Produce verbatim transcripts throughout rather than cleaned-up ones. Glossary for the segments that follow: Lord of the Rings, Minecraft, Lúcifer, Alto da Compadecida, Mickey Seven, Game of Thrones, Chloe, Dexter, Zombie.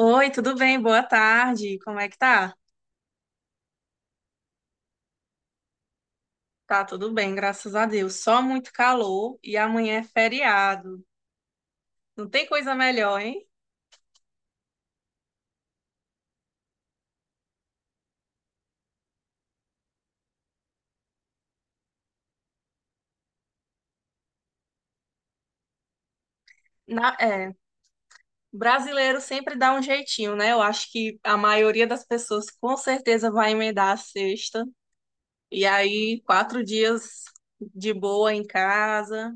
Oi, tudo bem? Boa tarde. Como é que tá? Tá tudo bem, graças a Deus. Só muito calor e amanhã é feriado. Não tem coisa melhor, hein? Na- é, Brasileiro sempre dá um jeitinho, né? Eu acho que a maioria das pessoas com certeza vai emendar a sexta. E aí, quatro dias de boa em casa,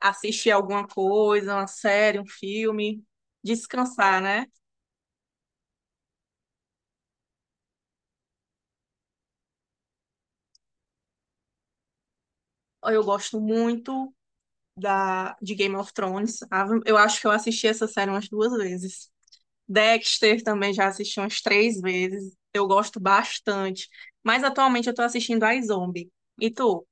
assistir alguma coisa, uma série, um filme, descansar, né? Eu gosto muito. Da, de Game of Thrones. Ah, eu acho que eu assisti essa série umas duas vezes. Dexter também já assisti umas três vezes. Eu gosto bastante. Mas atualmente eu tô assistindo a Zombie. E tu?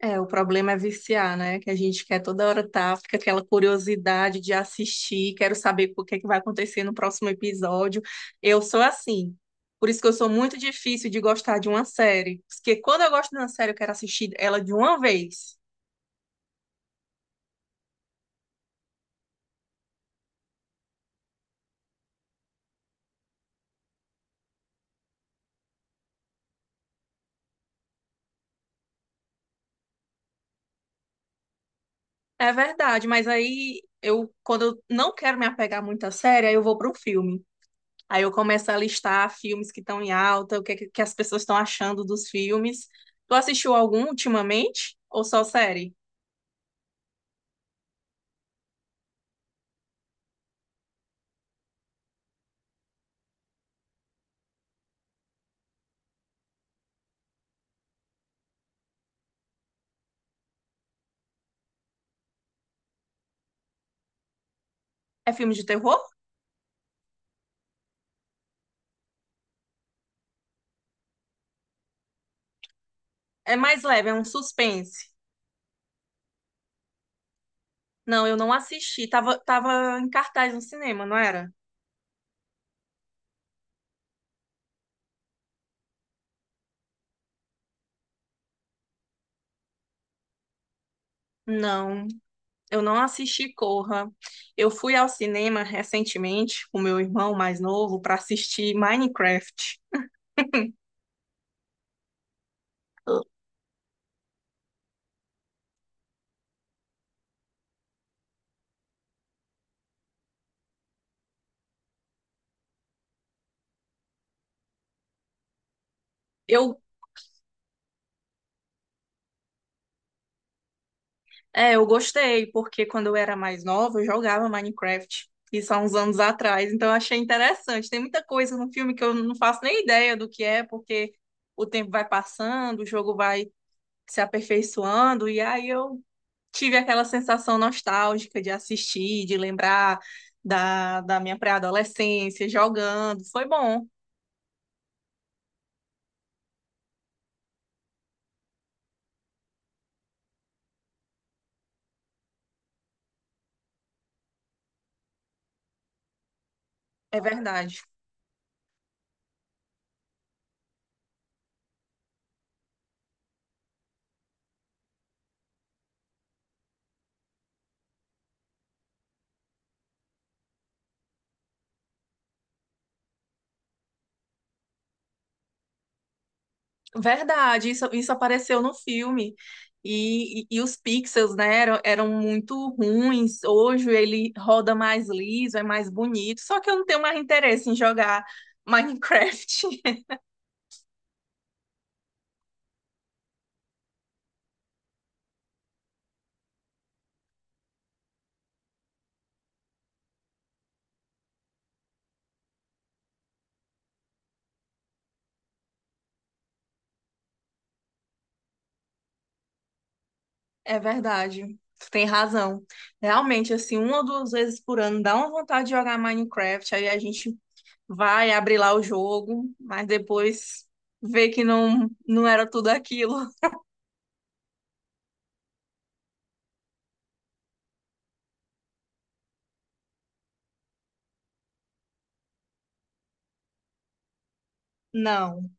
É, o problema é viciar, né? Que a gente quer toda hora tá, fica aquela curiosidade de assistir, quero saber o que é que vai acontecer no próximo episódio. Eu sou assim. Por isso que eu sou muito difícil de gostar de uma série. Porque quando eu gosto de uma série, eu quero assistir ela de uma vez. É verdade, mas aí eu, quando eu não quero me apegar muito à série, aí eu vou para um filme. Aí eu começo a listar filmes que estão em alta, o que, é que que as pessoas estão achando dos filmes. Tu assistiu algum ultimamente? Ou só série? É filme de terror? É mais leve, é um suspense. Não, eu não assisti. Tava, tava em cartaz no cinema, não era? Não, eu não assisti Corra. Eu fui ao cinema recentemente com meu irmão mais novo para assistir Minecraft. Eu É, eu gostei, porque quando eu era mais nova, eu jogava Minecraft. Isso há uns anos atrás, então eu achei interessante. Tem muita coisa no filme que eu não faço nem ideia do que é, porque o tempo vai passando, o jogo vai se aperfeiçoando, e aí eu tive aquela sensação nostálgica de assistir, de lembrar da, da minha pré-adolescência, jogando. Foi bom, é verdade. Verdade, isso, isso apareceu no filme. E, e, e os pixels, né, eram, eram muito ruins. Hoje ele roda mais liso, é mais bonito. Só que eu não tenho mais interesse em jogar Minecraft. É verdade, tu tem razão. Realmente, assim, uma ou duas vezes por ano dá uma vontade de jogar Minecraft. Aí a gente vai abrir lá o jogo, mas depois vê que não, não era tudo aquilo. Não.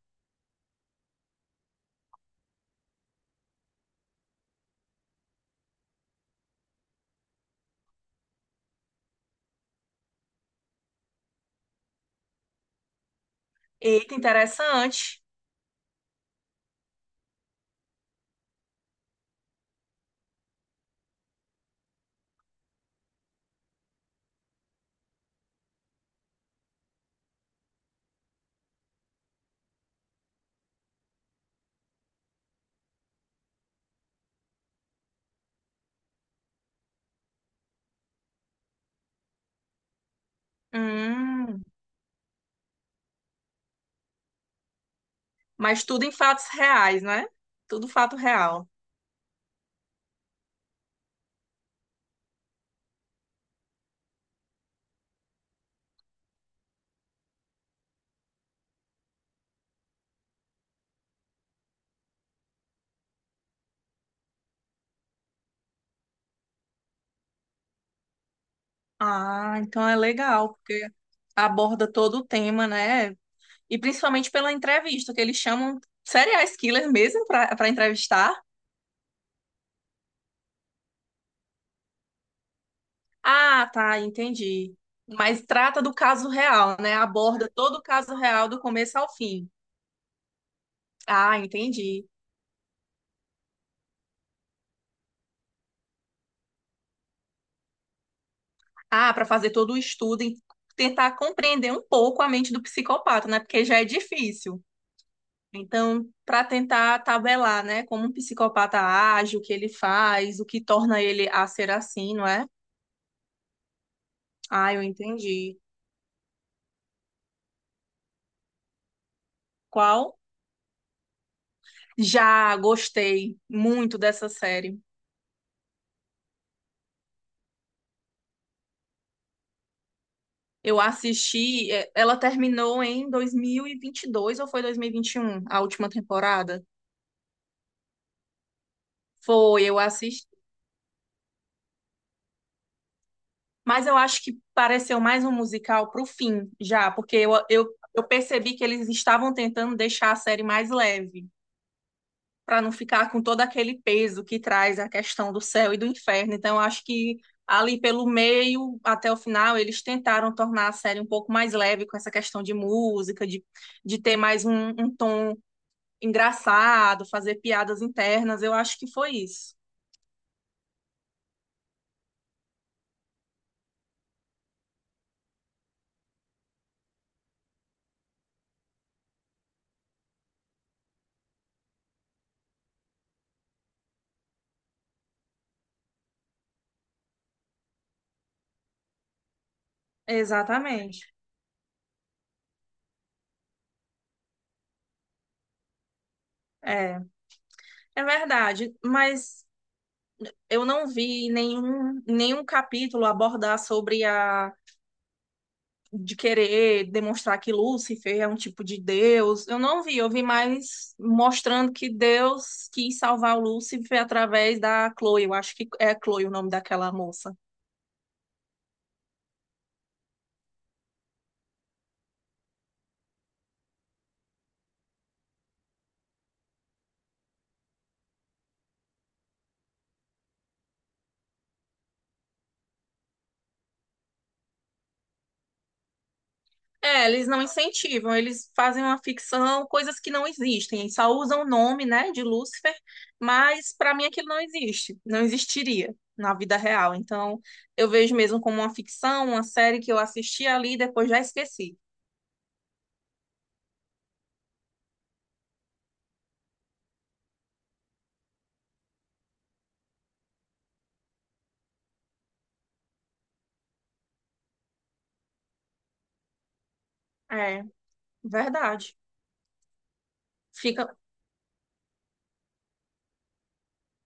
Eita, interessante. Hum. Mas tudo em fatos reais, né? Tudo fato real. Ah, então é legal, porque aborda todo o tema, né? E principalmente pela entrevista, que eles chamam serial killer mesmo para para entrevistar. Ah, tá, entendi. Mas trata do caso real, né? Aborda todo o caso real do começo ao fim. Ah, entendi. Ah, para fazer todo o estudo e tentar compreender um pouco a mente do psicopata, né? Porque já é difícil. Então, para tentar tabelar, né, como um psicopata age, o que ele faz, o que torna ele a ser assim, não é? Ah, eu entendi. Qual? Já gostei muito dessa série. Eu assisti, eh, ela terminou em dois mil e e vinte e dois ou foi dois mil e e vinte e um? A última temporada? Foi, eu assisti. Mas eu acho que pareceu mais um musical pro fim, já, porque eu, eu, eu percebi que eles estavam tentando deixar a série mais leve, para não ficar com todo aquele peso que traz a questão do céu e do inferno. Então, eu acho que ali pelo meio até o final, eles tentaram tornar a série um pouco mais leve com essa questão de música, de, de ter mais um, um tom engraçado, fazer piadas internas. Eu acho que foi isso. Exatamente. É, é verdade, mas eu não vi nenhum, nenhum capítulo abordar sobre a de querer demonstrar que Lúcifer é um tipo de Deus. Eu não vi, eu vi mais mostrando que Deus quis salvar o Lúcifer através da Chloe. Eu acho que é Chloe o nome daquela moça. É, eles não incentivam, eles fazem uma ficção, coisas que não existem. Eles só usam o nome, né, de Lúcifer, mas para mim aquilo não existe, não existiria na vida real. Então, eu vejo mesmo como uma ficção, uma série que eu assisti ali e depois já esqueci. É, verdade. Fica,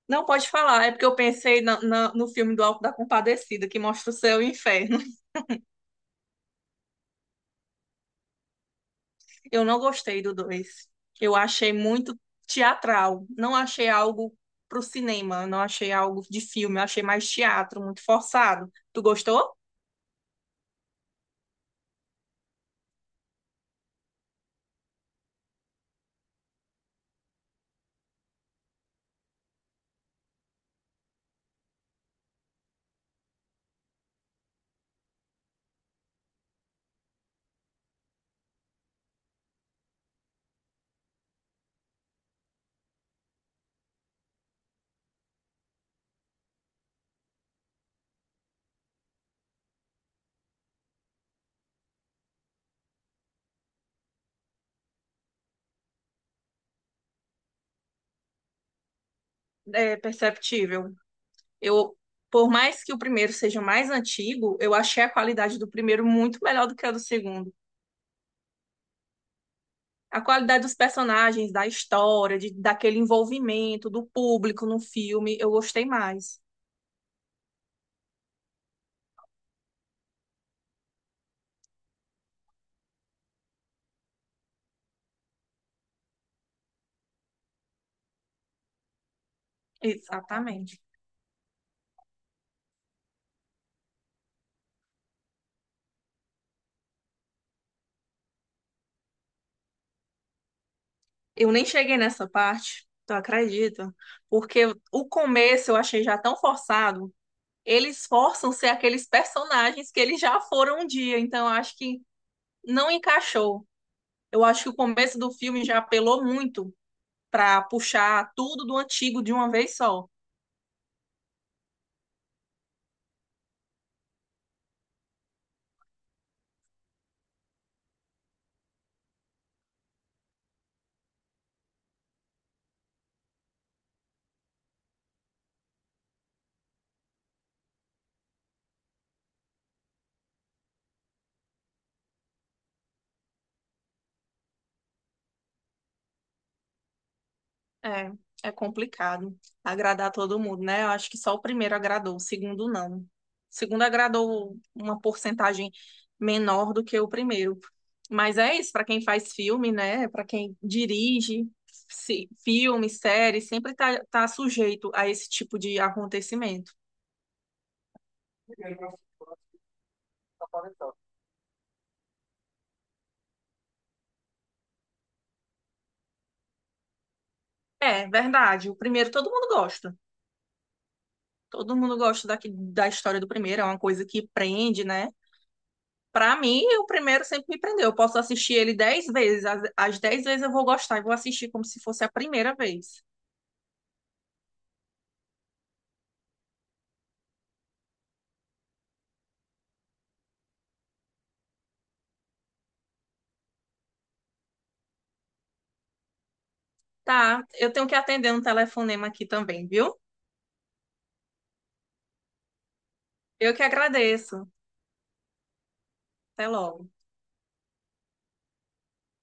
não pode falar, é porque eu pensei na- na- no filme do Alto da Compadecida, que mostra o céu e o inferno. Eu não gostei do dois. Eu achei muito teatral. Não achei algo pro cinema, não achei algo de filme, eu achei mais teatro, muito forçado. Tu gostou? É perceptível. Eu, por mais que o primeiro seja mais antigo, eu achei a qualidade do primeiro muito melhor do que a do segundo. A qualidade dos personagens, da história, de, daquele envolvimento do público no filme, eu gostei mais. Exatamente. Eu nem cheguei nessa parte, tu acredita? Porque o começo eu achei já tão forçado. Eles forçam ser aqueles personagens que eles já foram um dia, então eu acho que não encaixou. Eu acho que o começo do filme já apelou muito para puxar tudo do antigo de uma vez só. É, é complicado agradar todo mundo, né? Eu acho que só o primeiro agradou, o segundo não. O segundo agradou uma porcentagem menor do que o primeiro. Mas é isso, para quem faz filme, né? Para quem dirige se- filme, série, sempre tá, tá sujeito a esse tipo de acontecimento. É, verdade. O primeiro todo mundo gosta. Todo mundo gosta daqui, da história do primeiro, é uma coisa que prende, né? Pra mim, o primeiro sempre me prendeu. Eu posso assistir ele dez vezes. As, as dez vezes eu vou gostar e vou assistir como se fosse a primeira vez. Tá, eu tenho que atender um telefonema aqui também, viu? Eu que agradeço. Até logo.